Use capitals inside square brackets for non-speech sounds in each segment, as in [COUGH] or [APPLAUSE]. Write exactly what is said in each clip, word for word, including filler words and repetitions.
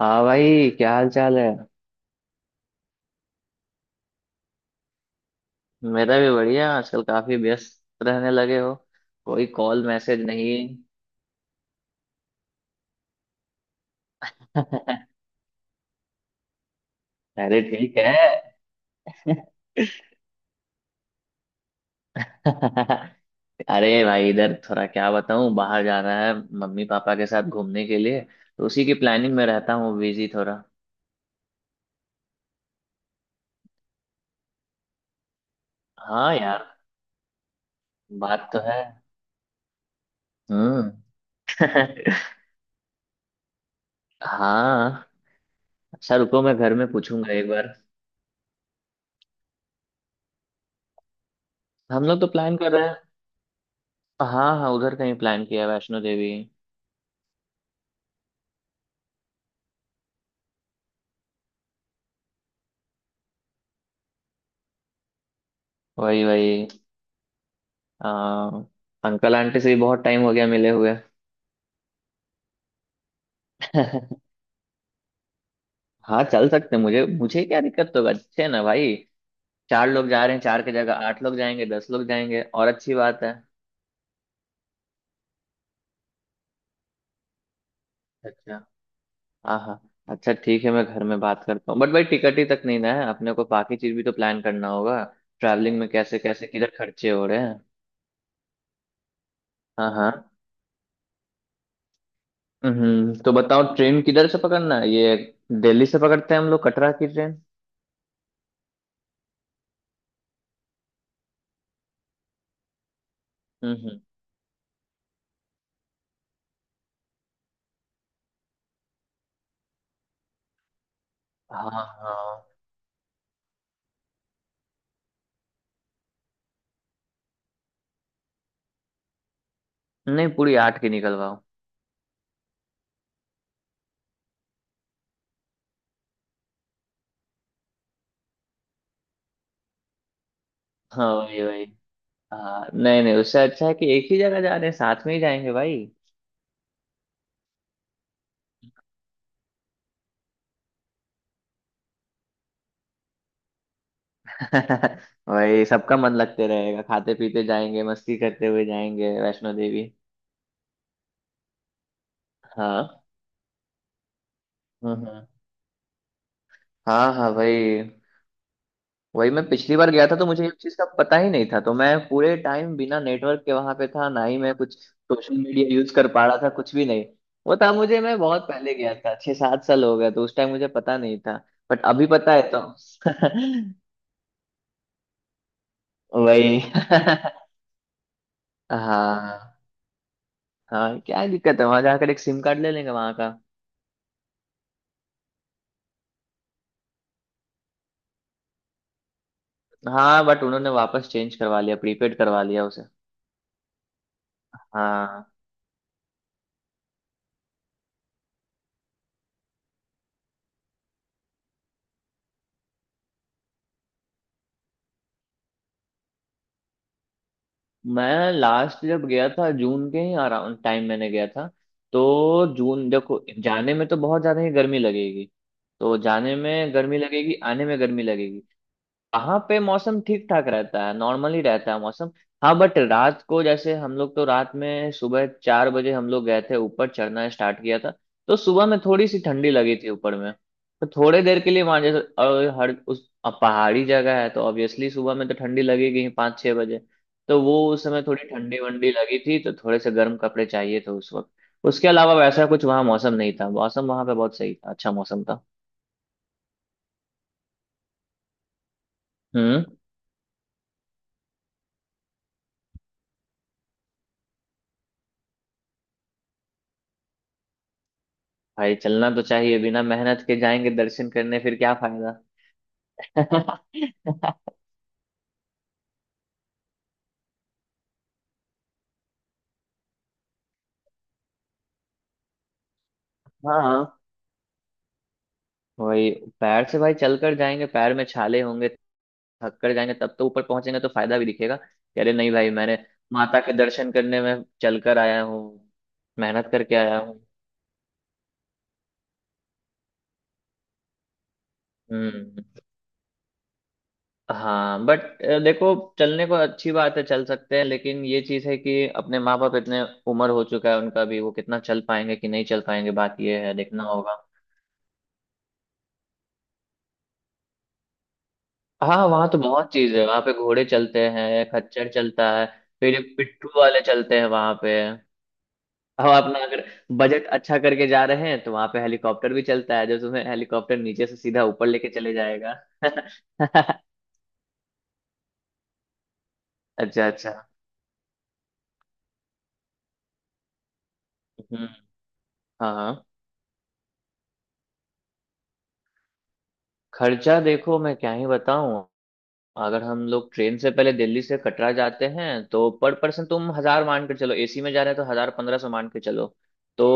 हाँ भाई, क्या हाल चाल है। मेरा भी बढ़िया। आजकल काफी व्यस्त रहने लगे हो, कोई कॉल मैसेज नहीं। अरे ठीक है। [LAUGHS] अरे भाई, इधर थोड़ा क्या बताऊँ, बाहर जाना है मम्मी पापा के साथ घूमने के लिए। तो उसी की प्लानिंग में रहता हूँ, बिजी थोड़ा। हाँ यार, बात तो है। हम्म। [LAUGHS] हाँ। अच्छा रुको, मैं घर में पूछूंगा एक बार। हम लोग तो प्लान कर रहे हैं। हाँ हाँ, उधर कहीं प्लान किया है, वैष्णो देवी। वही वही। हाँ। अंकल आंटी से भी बहुत टाइम हो गया मिले हुए। [LAUGHS] हाँ चल सकते हैं, मुझे मुझे क्या दिक्कत होगा, अच्छे है ना भाई। चार लोग जा रहे हैं, चार की जगह आठ लोग जाएंगे, दस लोग जाएंगे, और अच्छी बात है। अच्छा। हाँ हाँ। अच्छा ठीक है, मैं घर में बात करता हूँ, बट भाई टिकट ही तक नहीं ना है अपने को, बाकी चीज भी तो प्लान करना होगा। ट्रैवलिंग में कैसे कैसे किधर खर्चे हो रहे हैं। हाँ हाँ। हम्म, तो बताओ ट्रेन किधर से पकड़ना है ये, दिल्ली से पकड़ते हैं हम लोग कटरा की ट्रेन। हम्म हम्म। हाँ हाँ। नहीं, पूरी आठ की निकलवाओ। हाँ वही वही। हाँ नहीं नहीं, उससे अच्छा है कि एक ही जगह जा रहे हैं साथ में ही जाएंगे भाई। [LAUGHS] वही, सबका मन लगते रहेगा, खाते पीते जाएंगे, मस्ती करते हुए जाएंगे वैष्णो देवी। हाँ। हम्म हम्म। हाँ हाँ वही। वही मैं पिछली बार गया था तो मुझे इस चीज का पता ही नहीं था, तो मैं पूरे टाइम बिना नेटवर्क के वहां पे था, ना ही मैं कुछ सोशल मीडिया यूज कर पा रहा था, कुछ भी नहीं। वो था मुझे, मैं बहुत पहले गया था, छह सात साल हो गया, तो उस टाइम मुझे पता नहीं था। बट अभी पता है तो। [LAUGHS] वही। [LAUGHS] हाँ। हाँ क्या दिक्कत है, वहां जाकर एक सिम कार्ड ले लेंगे वहां का। हाँ बट उन्होंने वापस चेंज करवा लिया, प्रीपेड करवा लिया उसे। हाँ। मैं लास्ट जब गया था, जून के ही अराउंड टाइम मैंने गया था। तो जून देखो, जाने में तो बहुत ज्यादा ही गर्मी लगेगी। तो जाने में गर्मी लगेगी, आने में गर्मी लगेगी। वहां पे मौसम ठीक ठाक रहता है, नॉर्मली रहता है मौसम। हाँ बट रात को, जैसे हम लोग तो रात में सुबह चार बजे हम लोग गए थे, ऊपर चढ़ना स्टार्ट किया था। तो सुबह में थोड़ी सी ठंडी लगी थी ऊपर में। तो थोड़े देर के लिए वहां जैसे, और हर उस, अब पहाड़ी जगह है तो ऑब्वियसली सुबह में तो ठंडी लगेगी ही, पाँच छह बजे। तो वो उस समय थोड़ी ठंडी वंडी लगी थी, तो थोड़े से गर्म कपड़े चाहिए थे उस वक्त। उसके अलावा वैसा कुछ वहाँ मौसम नहीं था, मौसम वहां पे बहुत सही था, अच्छा मौसम था। हम्म। भाई चलना तो चाहिए, बिना मेहनत के जाएंगे दर्शन करने फिर क्या फायदा। [LAUGHS] हाँ। वही। पैर से भाई चलकर जाएंगे, पैर में छाले होंगे, थक कर जाएंगे, तब तो ऊपर पहुंचेंगे तो फायदा भी दिखेगा कि अरे नहीं भाई, मैंने माता के दर्शन करने में चलकर आया हूँ, मेहनत करके आया हूँ। हम्म। हाँ बट देखो, चलने को अच्छी बात है, चल सकते हैं, लेकिन ये चीज है कि अपने माँ बाप इतने उम्र हो चुका है उनका भी, वो कितना चल पाएंगे कि नहीं चल पाएंगे, बात ये है, देखना होगा। हाँ वहाँ तो बहुत चीज है, वहाँ पे घोड़े चलते हैं, खच्चर चलता है, फिर पिट्ठू वाले चलते हैं वहाँ पे। और अपना अगर बजट अच्छा करके जा रहे हैं तो वहाँ पे हेलीकॉप्टर भी चलता है, जो तुम्हें हेलीकॉप्टर नीचे से सीधा ऊपर लेके चले जाएगा। [LAUGHS] अच्छा अच्छा। हम्म। हाँ हाँ। खर्चा देखो, मैं क्या ही बताऊं। अगर हम लोग ट्रेन से पहले दिल्ली से कटरा जाते हैं तो पर पर्सन तुम हजार मान के चलो, एसी में जा रहे हैं तो हजार पंद्रह सौ मान के चलो। तो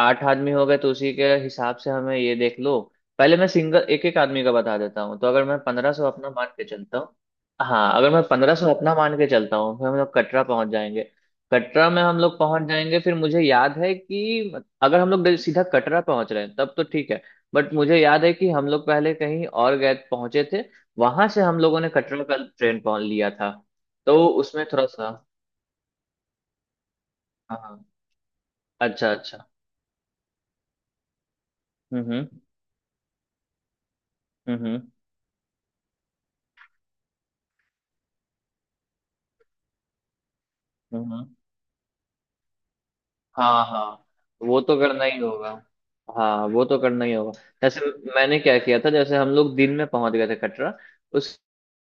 आठ आदमी हो गए, तो उसी के हिसाब से हमें ये देख लो। पहले मैं सिंगल एक एक आदमी का बता देता हूँ, तो अगर मैं पंद्रह सौ अपना मान के चलता हूँ। हाँ, अगर मैं पंद्रह सौ अपना मान के चलता हूँ, फिर हम लोग कटरा पहुंच जाएंगे। कटरा में हम लोग पहुंच जाएंगे, फिर मुझे याद है कि अगर हम लोग सीधा कटरा पहुंच रहे हैं तब तो ठीक है। बट मुझे याद है कि हम लोग पहले कहीं और गए पहुंचे थे, वहां से हम लोगों ने कटरा का ट्रेन पकड़ लिया था, तो उसमें थोड़ा सा। हाँ हाँ। अच्छा अच्छा। हम्म हम्म। हम्म हम्म। हम्म, हम्म। हाँ हाँ, वो तो करना ही होगा। हाँ, वो तो करना ही होगा। जैसे मैंने क्या किया था, जैसे हम लोग दिन में पहुंच गए थे कटरा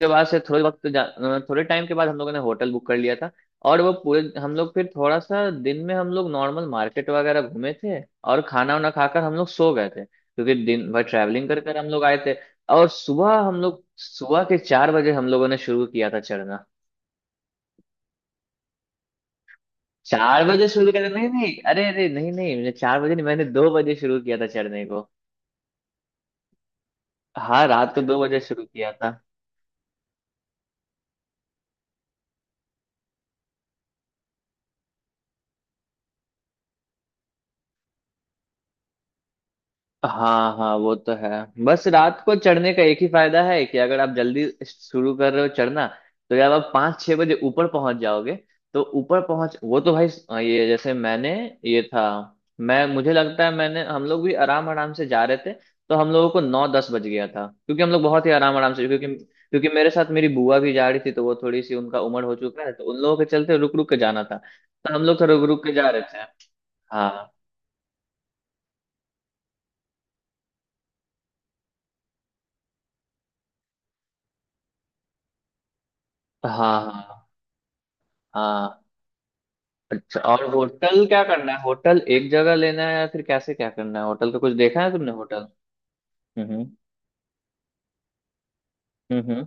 के बाद से, थोड़े वक्त जा- थोड़े टाइम के बाद हम लोगों ने होटल बुक कर लिया था। और वो पूरे हम लोग फिर थोड़ा सा दिन में हम लोग नॉर्मल मार्केट वगैरह घूमे थे और खाना वाना खाकर हम लोग सो गए थे, क्योंकि दिन भर ट्रैवलिंग कर कर हम लोग आए थे। और सुबह हम लोग सुबह के चार बजे हम लोगों ने शुरू किया था चढ़ना। चार बजे शुरू किया था, नहीं नहीं, अरे अरे नहीं नहीं, मैंने चार बजे नहीं, मैंने दो बजे शुरू किया था चढ़ने को। हाँ रात को दो बजे शुरू किया था। हाँ हाँ वो तो है। बस रात को चढ़ने का एक ही फायदा है कि अगर आप जल्दी शुरू कर रहे हो चढ़ना, तो जब आप पाँच छह बजे ऊपर पहुंच जाओगे। तो ऊपर पहुंच वो तो भाई, अ, ये जैसे मैंने ये था, मैं मुझे लगता है मैंने, हम लोग भी आराम आराम से जा रहे थे, तो हम लोगों को नौ दस बज गया था, क्योंकि हम लोग बहुत ही आराम आराम से, क्योंकि क्योंकि मेरे साथ मेरी बुआ भी जा रही थी, तो वो थोड़ी सी उनका उम्र हो चुका है, तो उन लोगों के चलते रुक रुक के जाना था, तो हम लोग तो रुक रुक के जा रहे थे। हाँ हाँ। हाँ हाँ। अच्छा और होटल क्या करना है, होटल एक जगह लेना है या फिर कैसे क्या करना है, होटल का कुछ देखा है तुमने होटल। हम्म हम्म। हम्म।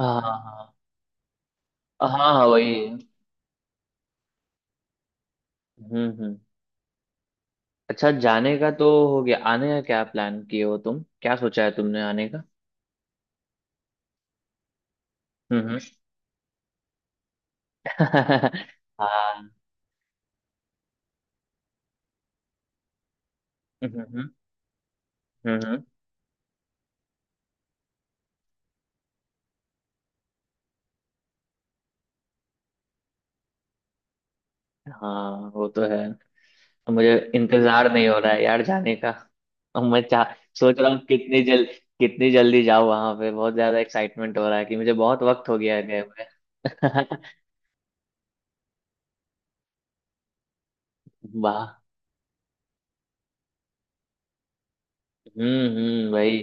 हाँ हाँ हाँ। हाँ हाँ, वही है। हम्म हम्म। अच्छा, जाने का तो हो गया, आने का क्या प्लान किए हो तुम, क्या सोचा है तुमने आने का। हम्म हम्म। [LAUGHS] हाँ। हम्म हम्म। हम्म, हम्म। हाँ वो तो है। मुझे इंतजार नहीं हो रहा है यार जाने का। अब मैं चाह सोच रहा हूँ, कितनी जल कितनी जल्दी जाऊँ वहां पे, बहुत ज्यादा एक्साइटमेंट हो रहा है, कि मुझे बहुत वक्त हो गया है गए हुए। [LAUGHS] वाह। हम्म हम्म। वही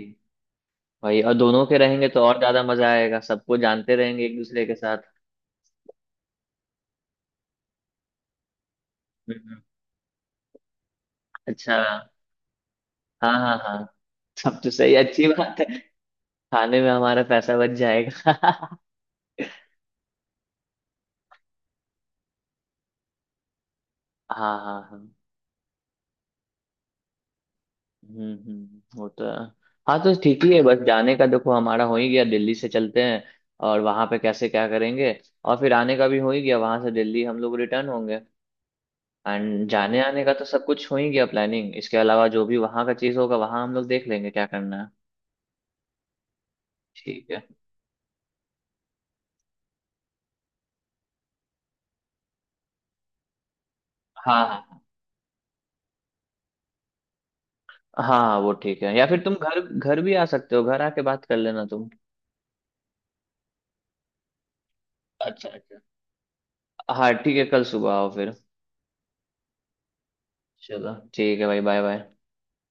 वही, और दोनों के रहेंगे तो और ज्यादा मजा आएगा, सबको जानते रहेंगे एक दूसरे के साथ। हम्म हम्म। अच्छा। हाँ हाँ हाँ। सब तो सही, अच्छी बात है। खाने में हमारा पैसा बच जाएगा। [LAUGHS] हाँ हाँ हाँ। हम्म हम्म, वो तो है। हाँ, तो ठीक ही है, बस जाने का देखो हमारा हो ही गया, दिल्ली से चलते हैं और वहां पे कैसे क्या करेंगे। और फिर आने का भी हो ही गया, वहां से दिल्ली हम लोग रिटर्न होंगे। एंड जाने आने का तो सब कुछ हो ही गया प्लानिंग, इसके अलावा जो भी वहां का चीज होगा वहां हम लोग देख लेंगे क्या करना है। ठीक है। हाँ हाँ, हाँ वो ठीक है, या फिर तुम घर घर भी आ सकते हो, घर आके बात कर लेना तुम। अच्छा अच्छा। हाँ ठीक है, कल सुबह आओ फिर। चलो ठीक है भाई, बाय बाय।